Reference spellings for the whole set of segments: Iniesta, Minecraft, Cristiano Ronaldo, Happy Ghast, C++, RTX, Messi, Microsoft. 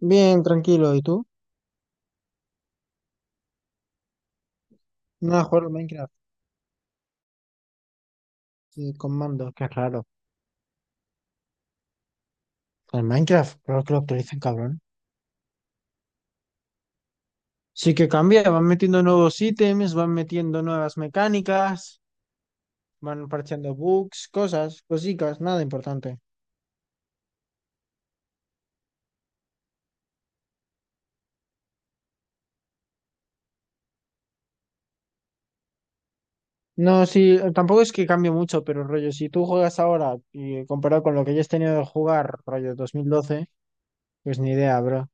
Bien, tranquilo. ¿Y tú? Nada, jugar al Minecraft sí, con mando. Qué raro. El Minecraft, claro que lo actualizan, cabrón. Sí que cambia, van metiendo nuevos ítems, van metiendo nuevas mecánicas, van parcheando bugs, cosas, cositas, nada importante. No, sí, tampoco es que cambie mucho, pero rollo, si tú juegas ahora y comparado con lo que ya has tenido de jugar, rollo 2012 pues ni idea, bro.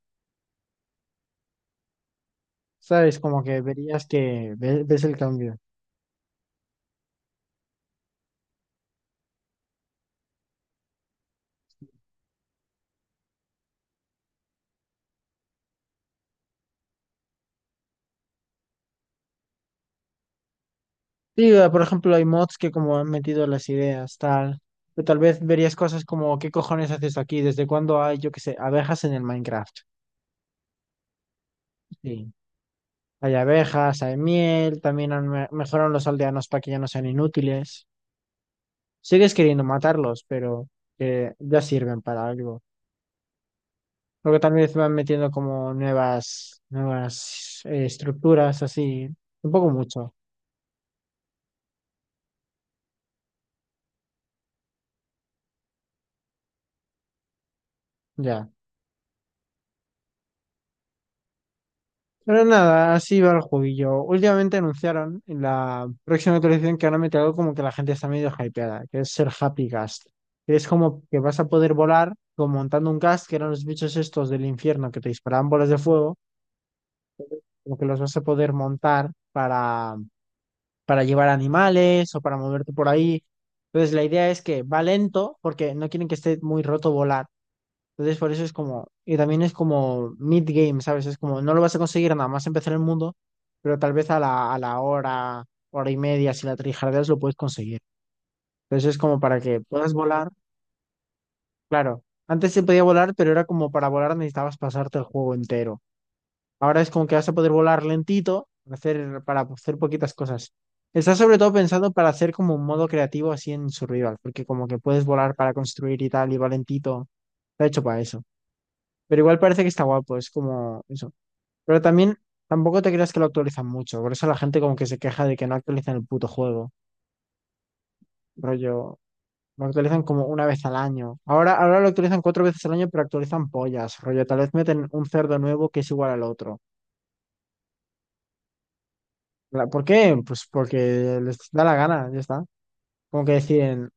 Sabes, como que verías que ves el cambio. Sí, ah, por ejemplo, hay mods que como han metido las ideas, tal. O tal vez verías cosas como, ¿qué cojones haces aquí? ¿Desde cuándo hay, yo qué sé, abejas en el Minecraft? Sí. Hay abejas, hay miel, también mejoran los aldeanos para que ya no sean inútiles. Sigues queriendo matarlos, pero ya sirven para algo. Luego también se van metiendo como nuevas estructuras, así. Un poco mucho, ya. Pero nada, así va el jueguillo. Últimamente anunciaron en la próxima actualización que van a meter algo como que la gente está medio hypeada, que es ser Happy Ghast. Que es como que vas a poder volar como montando un ghast, que eran los bichos estos del infierno que te disparaban bolas de fuego, como que los vas a poder montar para llevar animales o para moverte por ahí. Entonces la idea es que va lento porque no quieren que esté muy roto volar entonces, por eso es como, y también es como mid-game, ¿sabes? Es como, no lo vas a conseguir nada más empezar el mundo, pero tal vez a la hora, hora y media, si la trijardeas, lo puedes conseguir. Entonces, es como para que puedas volar. Claro, antes se podía volar, pero era como para volar necesitabas pasarte el juego entero. Ahora es como que vas a poder volar lentito, para hacer poquitas cosas. Está sobre todo pensado para hacer como un modo creativo así en Survival, porque como que puedes volar para construir y tal, y va lentito. Está hecho para eso. Pero igual parece que está guapo, es como eso. Pero también tampoco te creas que lo actualizan mucho, por eso la gente como que se queja de que no actualizan el puto juego. Rollo, lo actualizan como una vez al año. Ahora lo actualizan cuatro veces al año, pero actualizan pollas. Rollo, tal vez meten un cerdo nuevo que es igual al otro. ¿Por qué? Pues porque les da la gana, ya está. Como que deciden,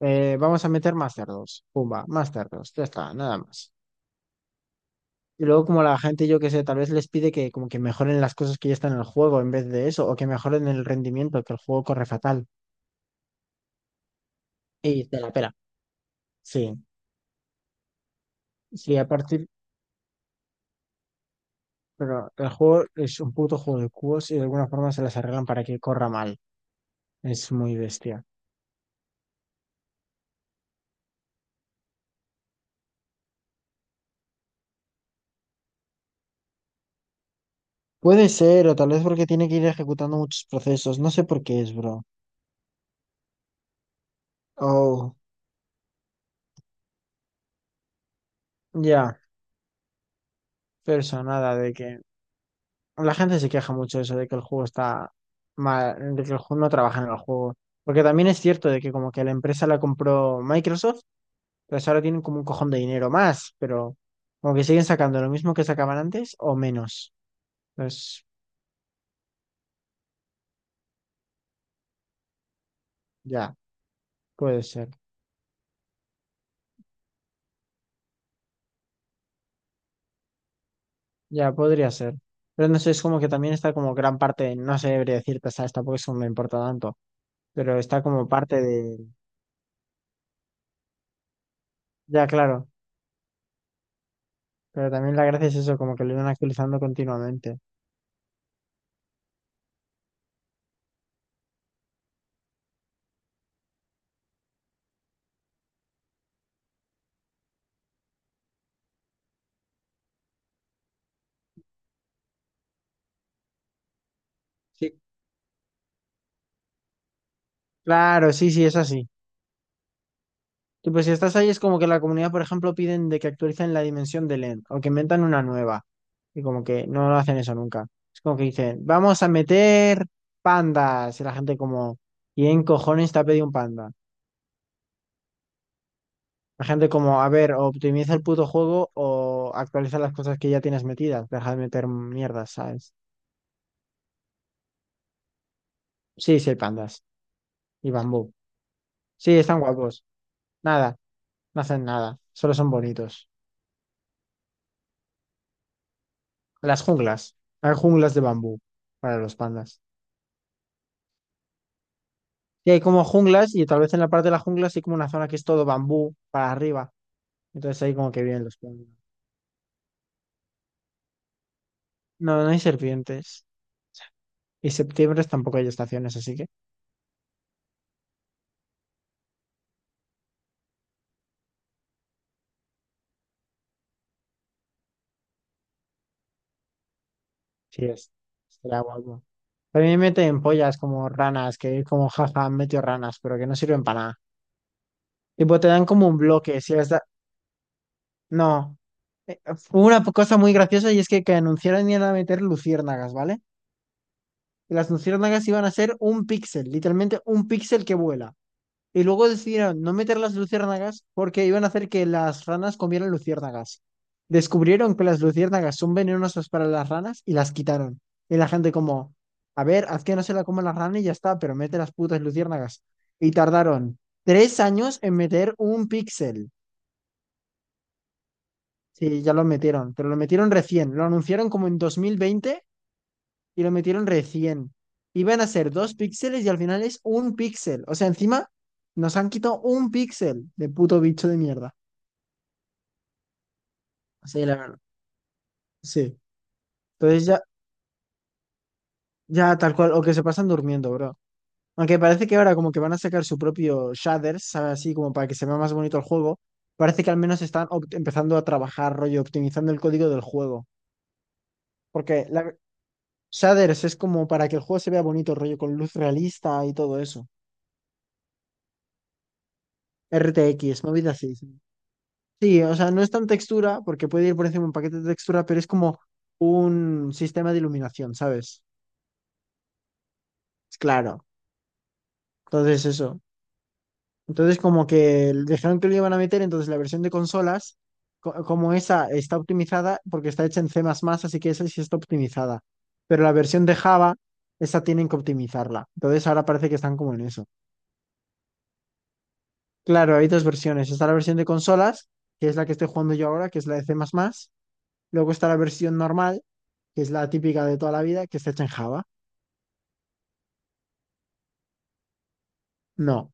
vamos a meter más cerdos. Pumba, más cerdos, ya está, nada más. Y luego como la gente, yo qué sé, tal vez les pide que como que mejoren las cosas que ya están en el juego en vez de eso, o que mejoren el rendimiento, que el juego corre fatal. Y te la pela. Sí, sí, a partir, pero el juego es un puto juego de cubos y de alguna forma se las arreglan para que corra mal. Es muy bestia. Puede ser, o tal vez porque tiene que ir ejecutando muchos procesos. No sé por qué es, bro. Oh, ya, pero eso, nada de que... la gente se queja mucho de eso, de que el juego está mal, de que el juego no trabaja en el juego. Porque también es cierto de que como que la empresa la compró Microsoft, pues ahora tienen como un cojón de dinero más, pero como que siguen sacando lo mismo que sacaban antes o menos. Pues ya, puede ser, ya podría ser. Pero no sé, es como que también está como gran parte, no sé, debería decirte, ¿sabes? Tampoco eso me importa tanto, pero está como parte de... Ya, claro, pero también la gracia es eso, como que lo iban actualizando continuamente. Sí, claro, sí, sí, es así. Tú, pues si estás ahí es como que la comunidad, por ejemplo, piden de que actualicen la dimensión del end o que inventan una nueva. Y como que no lo hacen eso nunca. Es como que dicen, vamos a meter pandas. Y la gente como, ¿y en cojones te ha pedido un panda? La gente como, a ver, o optimiza el puto juego o actualiza las cosas que ya tienes metidas. Deja de meter mierdas, ¿sabes? Sí, sí hay pandas. Y bambú. Sí, están guapos. Nada, no hacen nada. Solo son bonitos. Las junglas. Hay junglas de bambú para los pandas. Y hay como junglas y tal vez en la parte de la jungla sí hay como una zona que es todo bambú para arriba. Entonces ahí como que vienen los pingüinos. No, no hay serpientes. Y septiembre tampoco hay estaciones, así que sí es. Será guapo. También meten pollas como ranas, que es como jaja, han metido ranas, pero que no sirven para nada. Tipo, te dan como un bloque, si les da- No. Eh, Hubo una cosa muy graciosa y es que anunciaron iban a meter luciérnagas, ¿vale? Y las luciérnagas iban a ser un píxel, literalmente un píxel que vuela. Y luego decidieron no meter las luciérnagas porque iban a hacer que las ranas comieran luciérnagas. Descubrieron que las luciérnagas son venenosas para las ranas y las quitaron. Y la gente como, a ver, haz que no se la coman las ranas y ya está, pero mete las putas luciérnagas. Y tardaron 3 años en meter un píxel. Sí, ya lo metieron, pero lo metieron recién. Lo anunciaron como en 2020 y lo metieron recién. Iban a ser dos píxeles y al final es un píxel. O sea, encima nos han quitado un píxel de puto bicho de mierda. Sí, la verdad. Sí. Entonces ya tal cual, o que se pasan durmiendo, bro. Aunque parece que ahora como que van a sacar su propio shaders, ¿sabes? Así como para que se vea más bonito el juego. Parece que al menos están empezando a trabajar, rollo, optimizando el código del juego. Porque la, shaders es como para que el juego se vea bonito, rollo, con luz realista y todo eso. RTX, movidas así. Sí. Sí, o sea, no es tan textura, porque puede ir por encima un paquete de textura, pero es como un sistema de iluminación, ¿sabes? Es claro. Entonces, eso. Entonces, como que dejaron que lo iban a meter, entonces la versión de consolas, como esa está optimizada, porque está hecha en C++, así que esa sí está optimizada. Pero la versión de Java, esa tienen que optimizarla. Entonces, ahora parece que están como en eso. Claro, hay dos versiones. Está la versión de consolas, que es la que estoy jugando yo ahora, que es la de C++. Luego está la versión normal que es la típica de toda la vida, que está hecha en Java. No.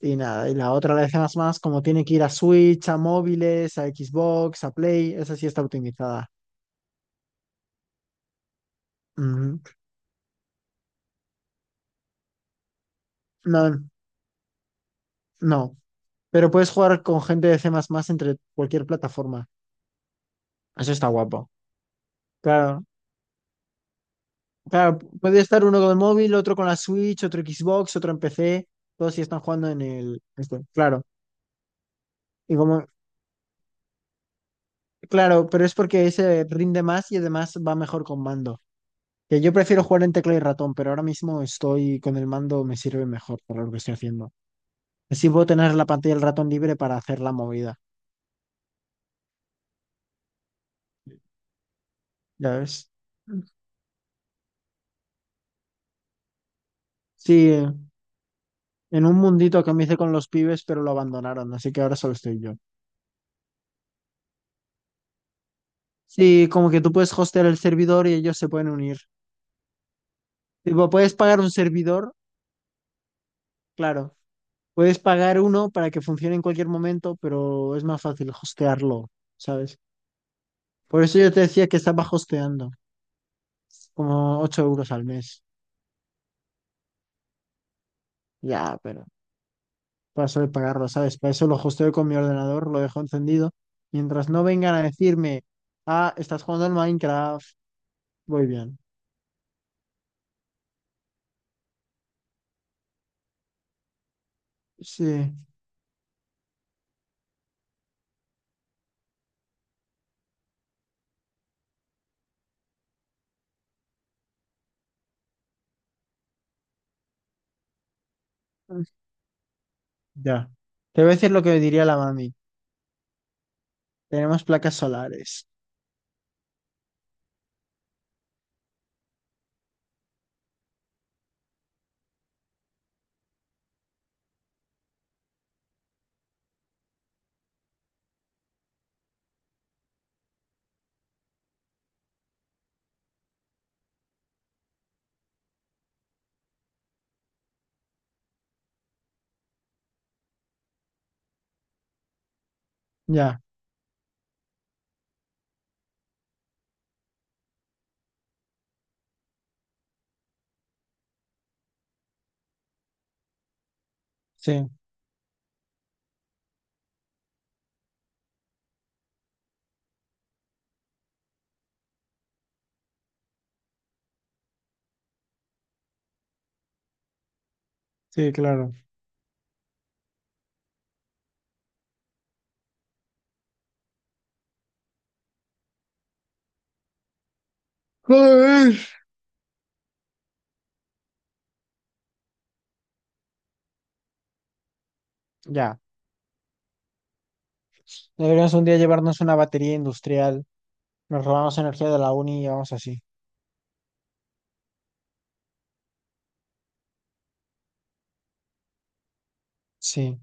Y nada, y la otra, la de C++, como tiene que ir a Switch, a móviles, a Xbox, a Play, esa sí está optimizada. Ujú. No, no. Pero puedes jugar con gente de C++ entre cualquier plataforma. Eso está guapo. Claro, claro, puede estar uno con el móvil, otro con la Switch, otro Xbox, otro en PC, todos sí están jugando en el este, claro. Y como, claro, pero es porque ese rinde más y además va mejor con mando. Que yo prefiero jugar en tecla y ratón, pero ahora mismo estoy con el mando, me sirve mejor para lo que estoy haciendo. Así puedo tener la pantalla del ratón libre para hacer la movida, ¿ya ves? Sí, en un mundito que me hice con los pibes, pero lo abandonaron, así que ahora solo estoy yo. Sí, como que tú puedes hostear el servidor y ellos se pueden unir. Tipo, puedes pagar un servidor, claro. Puedes pagar uno para que funcione en cualquier momento, pero es más fácil hostearlo, ¿sabes? Por eso yo te decía que estaba hosteando, como 8 euros al mes. Ya, pero... paso de pagarlo, ¿sabes? Para eso lo hosteo con mi ordenador, lo dejo encendido. Mientras no vengan a decirme, ah, estás jugando al Minecraft, voy bien. Sí, ya. Te voy a decir lo que diría la mami. Tenemos placas solares. Ya, sí, sí, claro. Joder. Ya. Deberíamos un día llevarnos una batería industrial. Nos robamos energía de la uni y vamos así. Sí,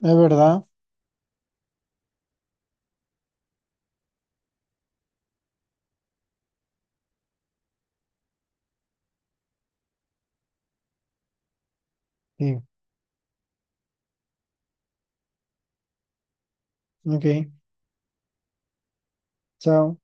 es verdad. Sí, ok. Chao.